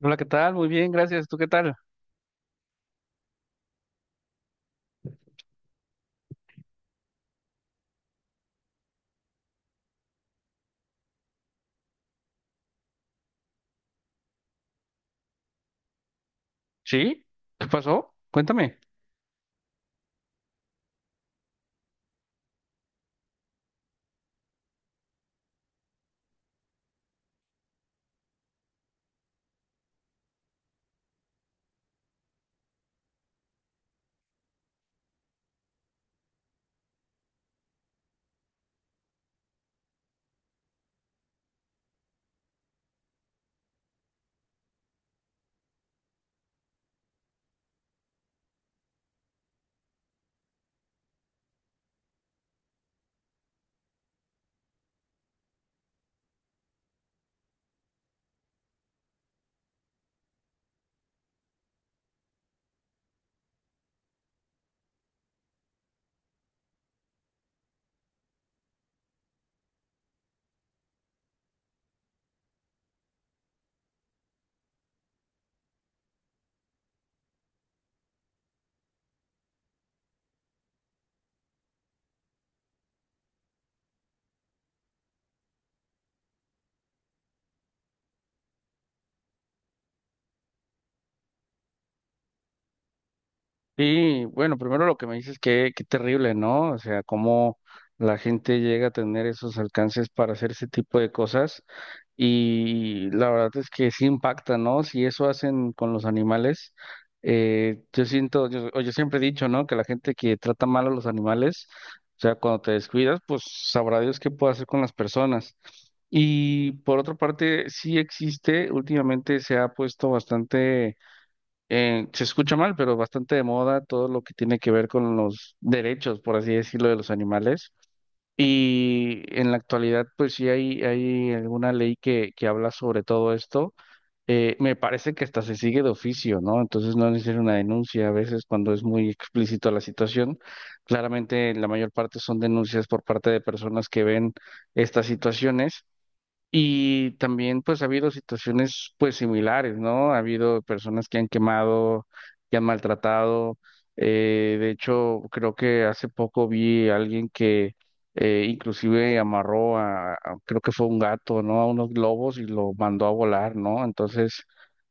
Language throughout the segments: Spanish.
Hola, ¿qué tal? Muy bien, gracias. ¿Tú qué tal? ¿Sí? ¿Qué pasó? Cuéntame. Y bueno, primero lo que me dices que qué terrible, ¿no? O sea, cómo la gente llega a tener esos alcances para hacer ese tipo de cosas. Y la verdad es que sí impacta, ¿no? Si eso hacen con los animales, yo siento, yo, o yo siempre he dicho, ¿no? Que la gente que trata mal a los animales, o sea, cuando te descuidas, pues sabrá Dios qué puede hacer con las personas. Y por otra parte, sí existe, últimamente se ha puesto bastante, se escucha mal, pero bastante de moda todo lo que tiene que ver con los derechos, por así decirlo, de los animales. Y en la actualidad, pues sí hay alguna ley que habla sobre todo esto. Me parece que hasta se sigue de oficio, ¿no? Entonces no es necesaria una denuncia. A veces cuando es muy explícito la situación, claramente la mayor parte son denuncias por parte de personas que ven estas situaciones y también pues ha habido situaciones pues similares, ¿no? Ha habido personas que han quemado, que han maltratado. De hecho, creo que hace poco vi a alguien que inclusive amarró a, creo que fue un gato, ¿no? A unos globos y lo mandó a volar, ¿no? Entonces,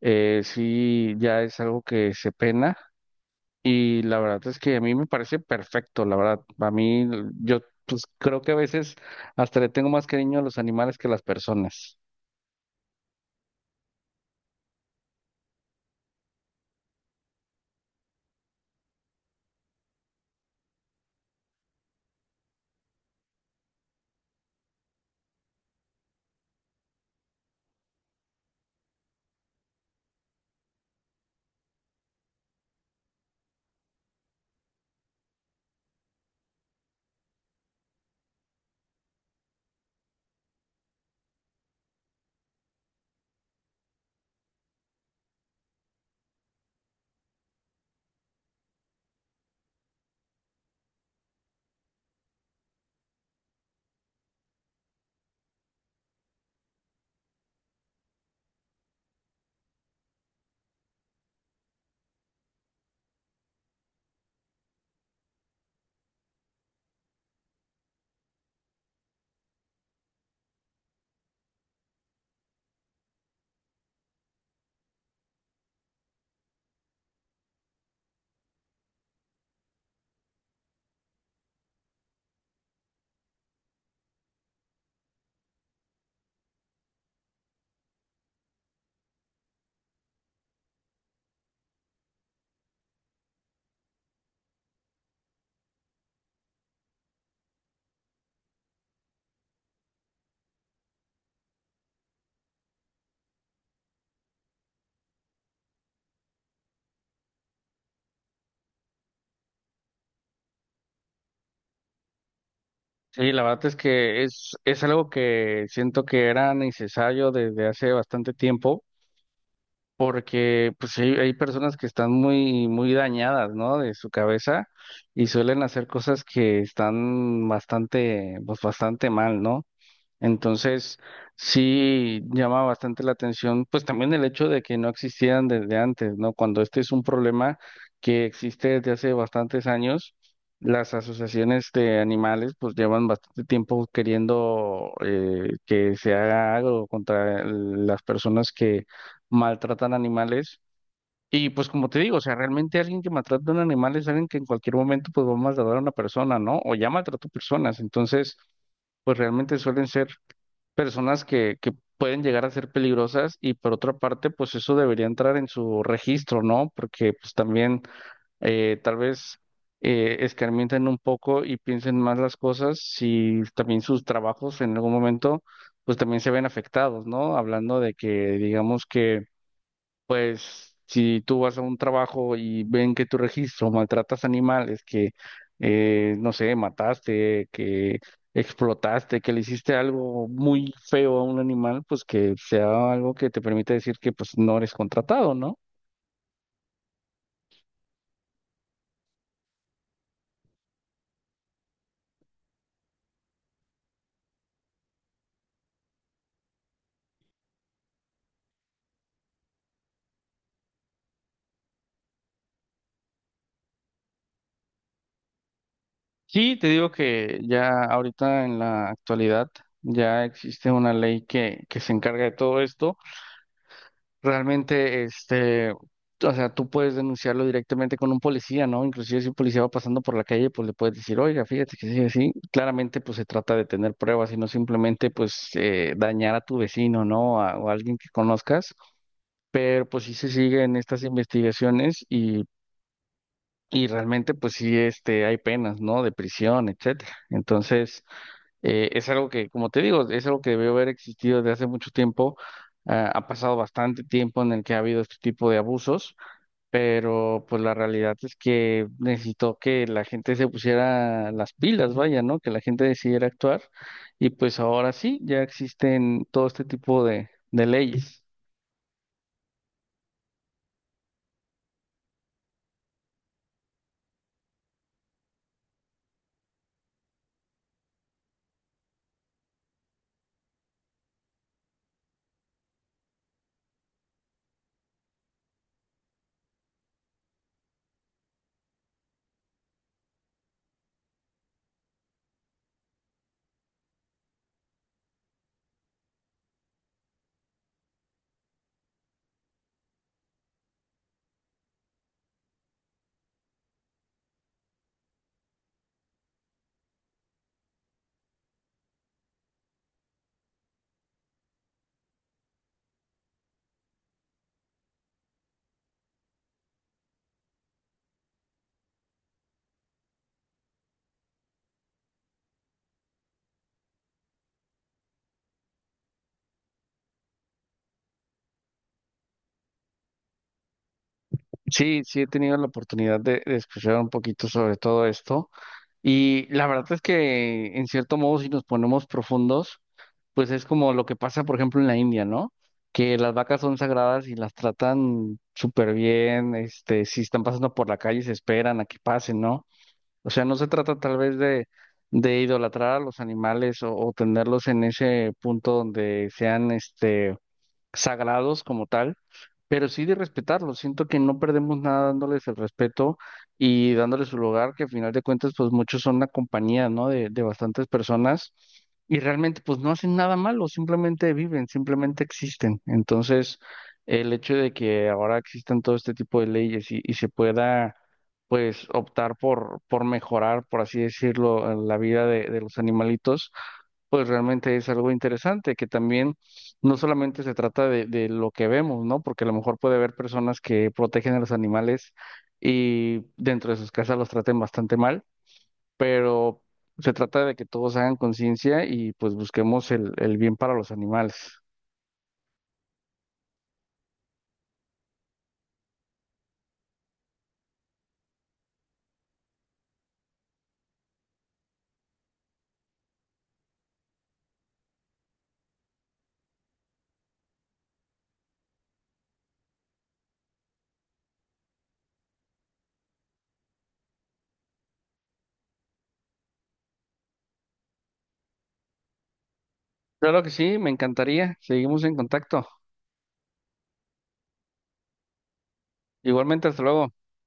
sí, ya es algo que se pena. Y la verdad es que a mí me parece perfecto, la verdad. A mí, yo pues creo que a veces hasta le tengo más cariño a los animales que a las personas. Sí, la verdad es que es algo que siento que era necesario desde hace bastante tiempo, porque pues hay personas que están muy, muy dañadas, ¿no? De su cabeza y suelen hacer cosas que están bastante, pues bastante mal, ¿no? Entonces, sí llama bastante la atención, pues también el hecho de que no existieran desde antes, ¿no? Cuando este es un problema que existe desde hace bastantes años, las asociaciones de animales pues llevan bastante tiempo queriendo que se haga algo contra las personas que maltratan animales. Y pues como te digo, o sea, realmente alguien que maltrata a un animal es alguien que en cualquier momento pues va a maltratar a una persona, ¿no? O ya maltrató personas, entonces pues realmente suelen ser personas que pueden llegar a ser peligrosas y por otra parte, pues eso debería entrar en su registro, ¿no? Porque pues también tal vez escarmienten un poco y piensen más las cosas si también sus trabajos en algún momento pues también se ven afectados, ¿no? Hablando de que digamos que pues si tú vas a un trabajo y ven que tu registro maltratas animales, que no sé, mataste, que explotaste, que le hiciste algo muy feo a un animal, pues que sea algo que te permita decir que pues no eres contratado, ¿no? Sí, te digo que ya ahorita en la actualidad ya existe una ley que se encarga de todo esto. Realmente, este, o sea, tú puedes denunciarlo directamente con un policía, ¿no? Inclusive si un policía va pasando por la calle, pues le puedes decir, oiga, fíjate que sí, así. Claramente, pues se trata de tener pruebas y no simplemente, pues, dañar a tu vecino, ¿no? A- o a alguien que conozcas. Pero, pues, sí se siguen estas investigaciones y realmente, pues, sí, este, hay penas, ¿no? De prisión, etcétera. Entonces... Es algo que, como te digo, es algo que debió haber existido desde hace mucho tiempo. Ah, ha pasado bastante tiempo en el que ha habido este tipo de abusos, pero pues la realidad es que necesitó que la gente se pusiera las pilas, vaya, ¿no? Que la gente decidiera actuar y pues ahora sí, ya existen todo este tipo de leyes. Sí, sí he tenido la oportunidad de escuchar un poquito sobre todo esto y la verdad es que en cierto modo si nos ponemos profundos, pues es como lo que pasa, por ejemplo, en la India, ¿no? Que las vacas son sagradas y las tratan súper bien, este, si están pasando por la calle se esperan a que pasen, ¿no? O sea, no se trata tal vez de idolatrar a los animales o tenerlos en ese punto donde sean, este, sagrados como tal pero sí de respetarlo. Siento que no perdemos nada dándoles el respeto y dándoles su lugar, que al final de cuentas, pues muchos son una compañía, ¿no? De bastantes personas y realmente, pues no hacen nada malo, simplemente viven, simplemente existen. Entonces, el hecho de que ahora existan todo este tipo de leyes y se pueda, pues, optar por mejorar, por así decirlo, la vida de los animalitos pues realmente es algo interesante, que también no solamente se trata de lo que vemos, ¿no? Porque a lo mejor puede haber personas que protegen a los animales y dentro de sus casas los traten bastante mal, pero se trata de que todos hagan conciencia y pues busquemos el bien para los animales. Claro que sí, me encantaría. Seguimos en contacto. Igualmente, hasta luego.